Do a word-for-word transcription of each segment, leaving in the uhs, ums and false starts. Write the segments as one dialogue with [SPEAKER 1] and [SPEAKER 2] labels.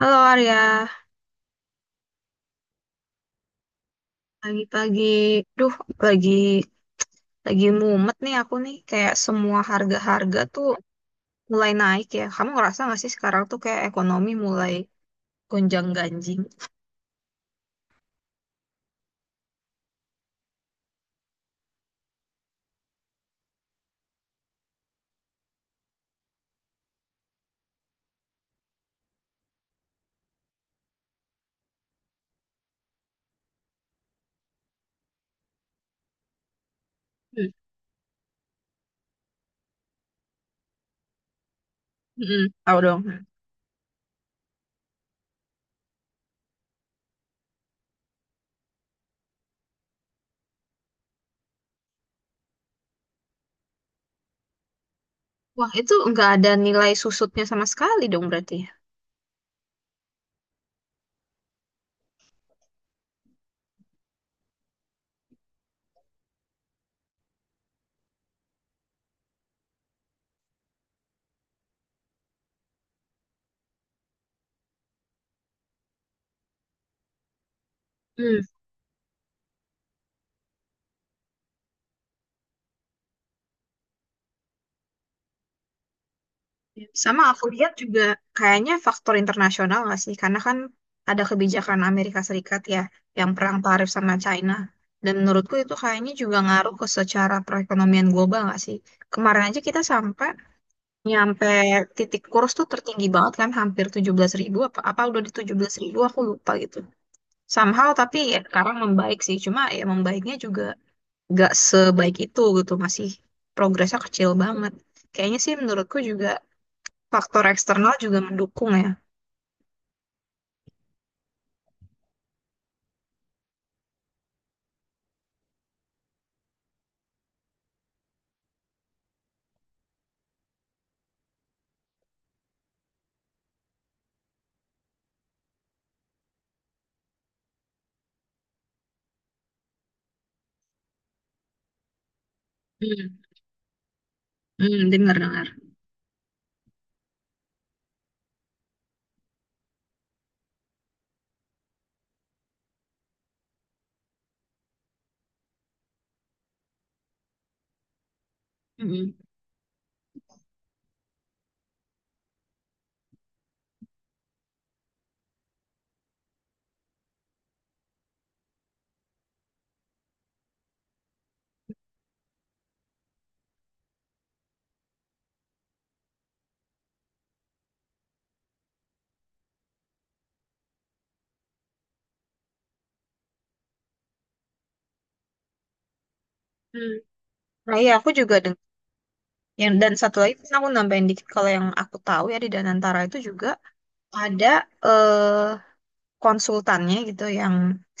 [SPEAKER 1] Halo Arya, pagi-pagi, duh lagi lagi mumet nih aku nih kayak semua harga-harga tuh mulai naik ya. Kamu ngerasa gak sih sekarang tuh kayak ekonomi mulai gonjang-ganjing? Hmm, mm-mm, tahu dong. Wah itu nggak ada nilai susutnya sama sekali dong berarti. Sama aku lihat juga kayaknya faktor internasional nggak sih? Karena kan ada kebijakan Amerika Serikat ya yang perang tarif sama China. Dan menurutku itu kayaknya juga ngaruh ke secara perekonomian global nggak sih? Kemarin aja kita sampai nyampe titik kurs tuh tertinggi banget kan hampir tujuh belas ribu apa apa udah di tujuh belas ribu aku lupa gitu. Somehow tapi ya sekarang membaik sih cuma ya membaiknya juga nggak sebaik itu gitu masih progresnya kecil banget. Kayaknya sih menurutku juga faktor eksternal juga mendukung ya. Hmm, hmm, dengar dengar. Hmm, hmm. Nah iya aku juga dengar. Yang, dan satu lagi kan aku nambahin dikit kalau yang aku tahu ya di Danantara itu juga ada eh, konsultannya gitu yang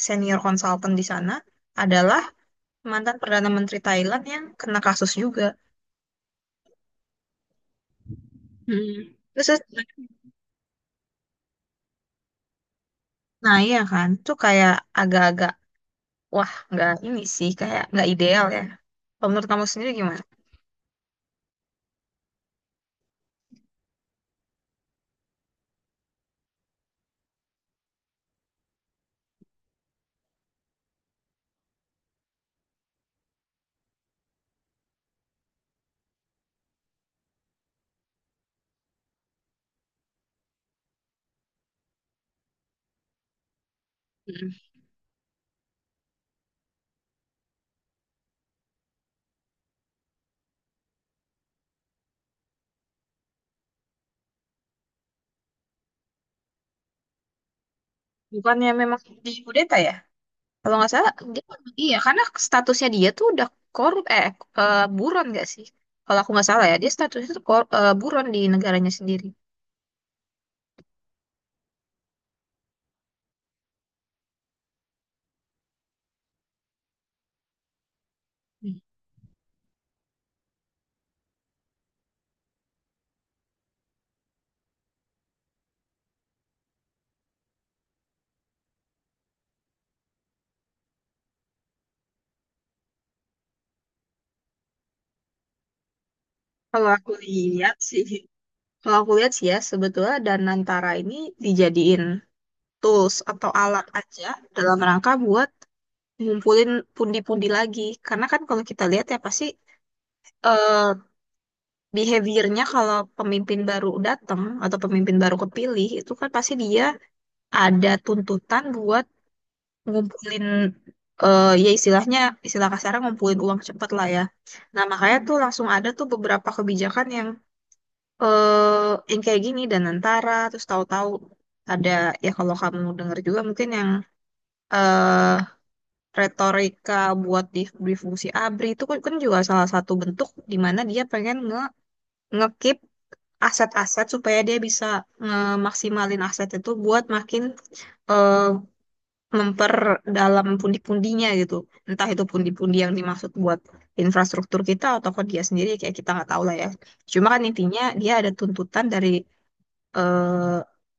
[SPEAKER 1] senior konsultan di sana adalah mantan Perdana Menteri Thailand yang kena kasus juga. Hmm. Terus, terus- Nah iya kan, tuh kayak agak-agak, wah nggak ini sih, kayak nggak ideal ya. Kalau menurut kamu sendiri gimana? Hmm. Bukannya memang di kudeta ya? Kalau nggak salah, dia, kan, iya, karena statusnya dia tuh udah korup, eh, eh, buron nggak sih? Kalau aku nggak salah ya, dia statusnya tuh kor- eh, buron di negaranya sendiri. Hmm. Kalau aku lihat sih, kalau aku lihat sih ya, sebetulnya Danantara ini dijadiin tools atau alat aja dalam rangka buat ngumpulin pundi-pundi lagi. Karena kan kalau kita lihat ya pasti eh behaviornya kalau pemimpin baru datang atau pemimpin baru kepilih itu kan pasti dia ada tuntutan buat ngumpulin eh ya istilahnya istilah kasarnya ngumpulin uang cepet lah ya. Nah makanya tuh langsung ada tuh beberapa kebijakan yang eh yang kayak gini dan antara terus tahu-tahu ada ya kalau kamu dengar juga mungkin yang eh retorika buat di, di fungsi ABRI itu kan, kan juga salah satu bentuk di mana dia pengen nge ngekip aset-aset supaya dia bisa ngemaksimalin aset itu buat makin eh, memperdalam pundi-pundinya gitu. Entah itu pundi-pundi yang dimaksud buat infrastruktur kita atau ke dia sendiri kayak kita nggak tahu lah ya. Cuma kan intinya dia ada tuntutan dari eh,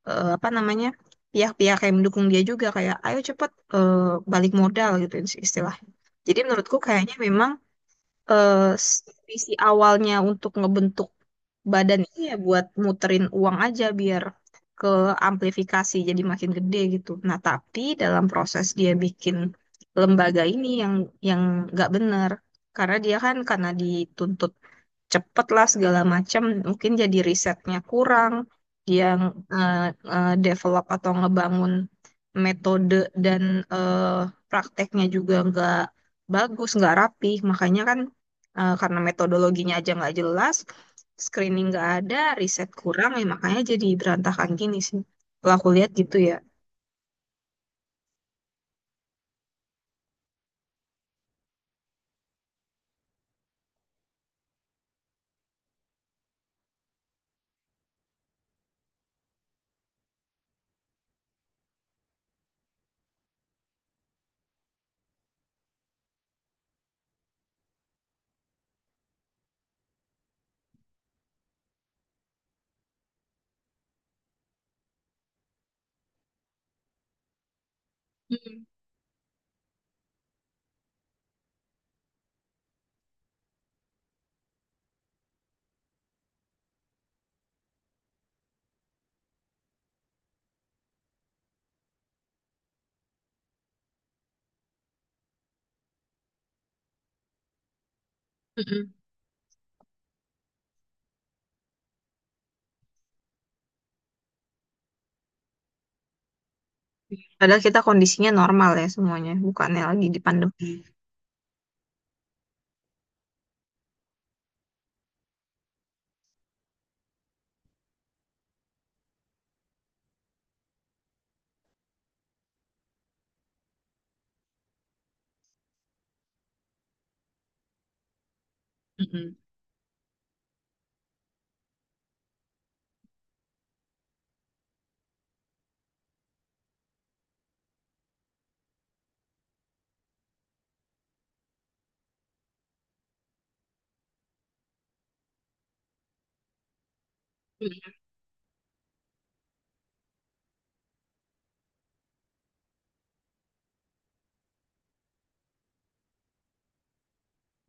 [SPEAKER 1] eh, apa namanya pihak-pihak yang mendukung dia juga kayak ayo cepet eh, balik modal gitu istilahnya. Jadi menurutku kayaknya memang eh, visi awalnya untuk ngebentuk badannya ya buat muterin uang aja biar ke amplifikasi jadi makin gede gitu. Nah, tapi dalam proses dia bikin lembaga ini yang yang nggak benar karena dia kan karena dituntut cepet lah segala macam mungkin jadi risetnya kurang dia eh, eh, develop atau ngebangun metode dan eh, prakteknya juga nggak bagus nggak rapi makanya kan eh, karena metodologinya aja nggak jelas screening nggak ada riset kurang ya makanya jadi berantakan gini sih kalau aku lihat gitu ya. Mm-mm. Mm-mm. Padahal kita kondisinya normal ya semuanya bukannya lagi di pandemi. Mm-mm.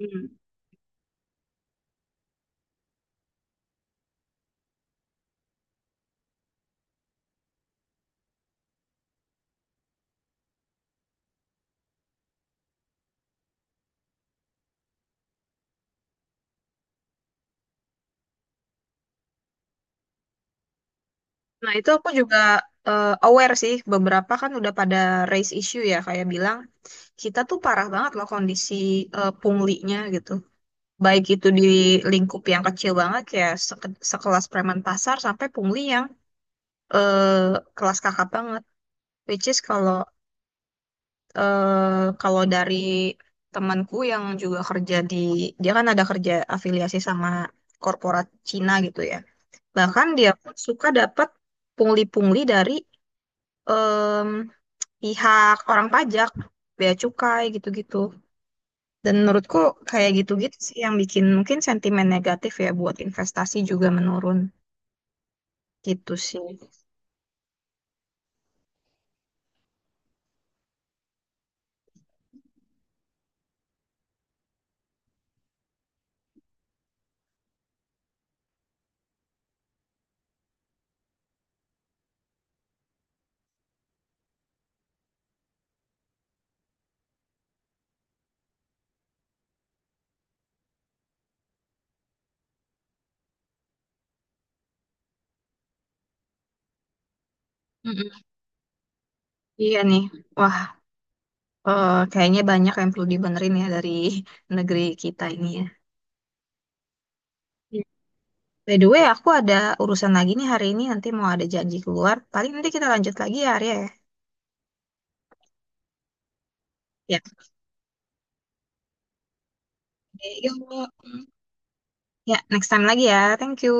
[SPEAKER 1] Mm-mm. Nah, itu aku juga eh, aware sih, beberapa kan udah pada raise issue ya, kayak bilang, kita tuh parah banget loh kondisi eh, punglinya gitu. Baik itu di lingkup yang kecil banget, kayak seke- sekelas preman pasar, sampai pungli yang eh, kelas kakap banget. Which is kalau eh, kalau dari temanku yang juga kerja di, dia kan ada kerja afiliasi sama korporat Cina gitu ya. Bahkan dia pun suka dapat pungli-pungli dari pihak orang pajak, bea cukai gitu-gitu. Dan menurutku kayak gitu-gitu sih yang bikin mungkin sentimen negatif ya buat investasi juga menurun gitu sih. Mm-mm. Iya nih, wah eh, kayaknya banyak yang perlu dibenerin ya dari negeri kita ini ya. Iya. By the way, aku ada urusan lagi nih hari ini, nanti mau ada janji keluar. Paling nanti kita lanjut lagi ya, Arya ya. Ya, oke, yuk. Ya, next time lagi ya. Thank you.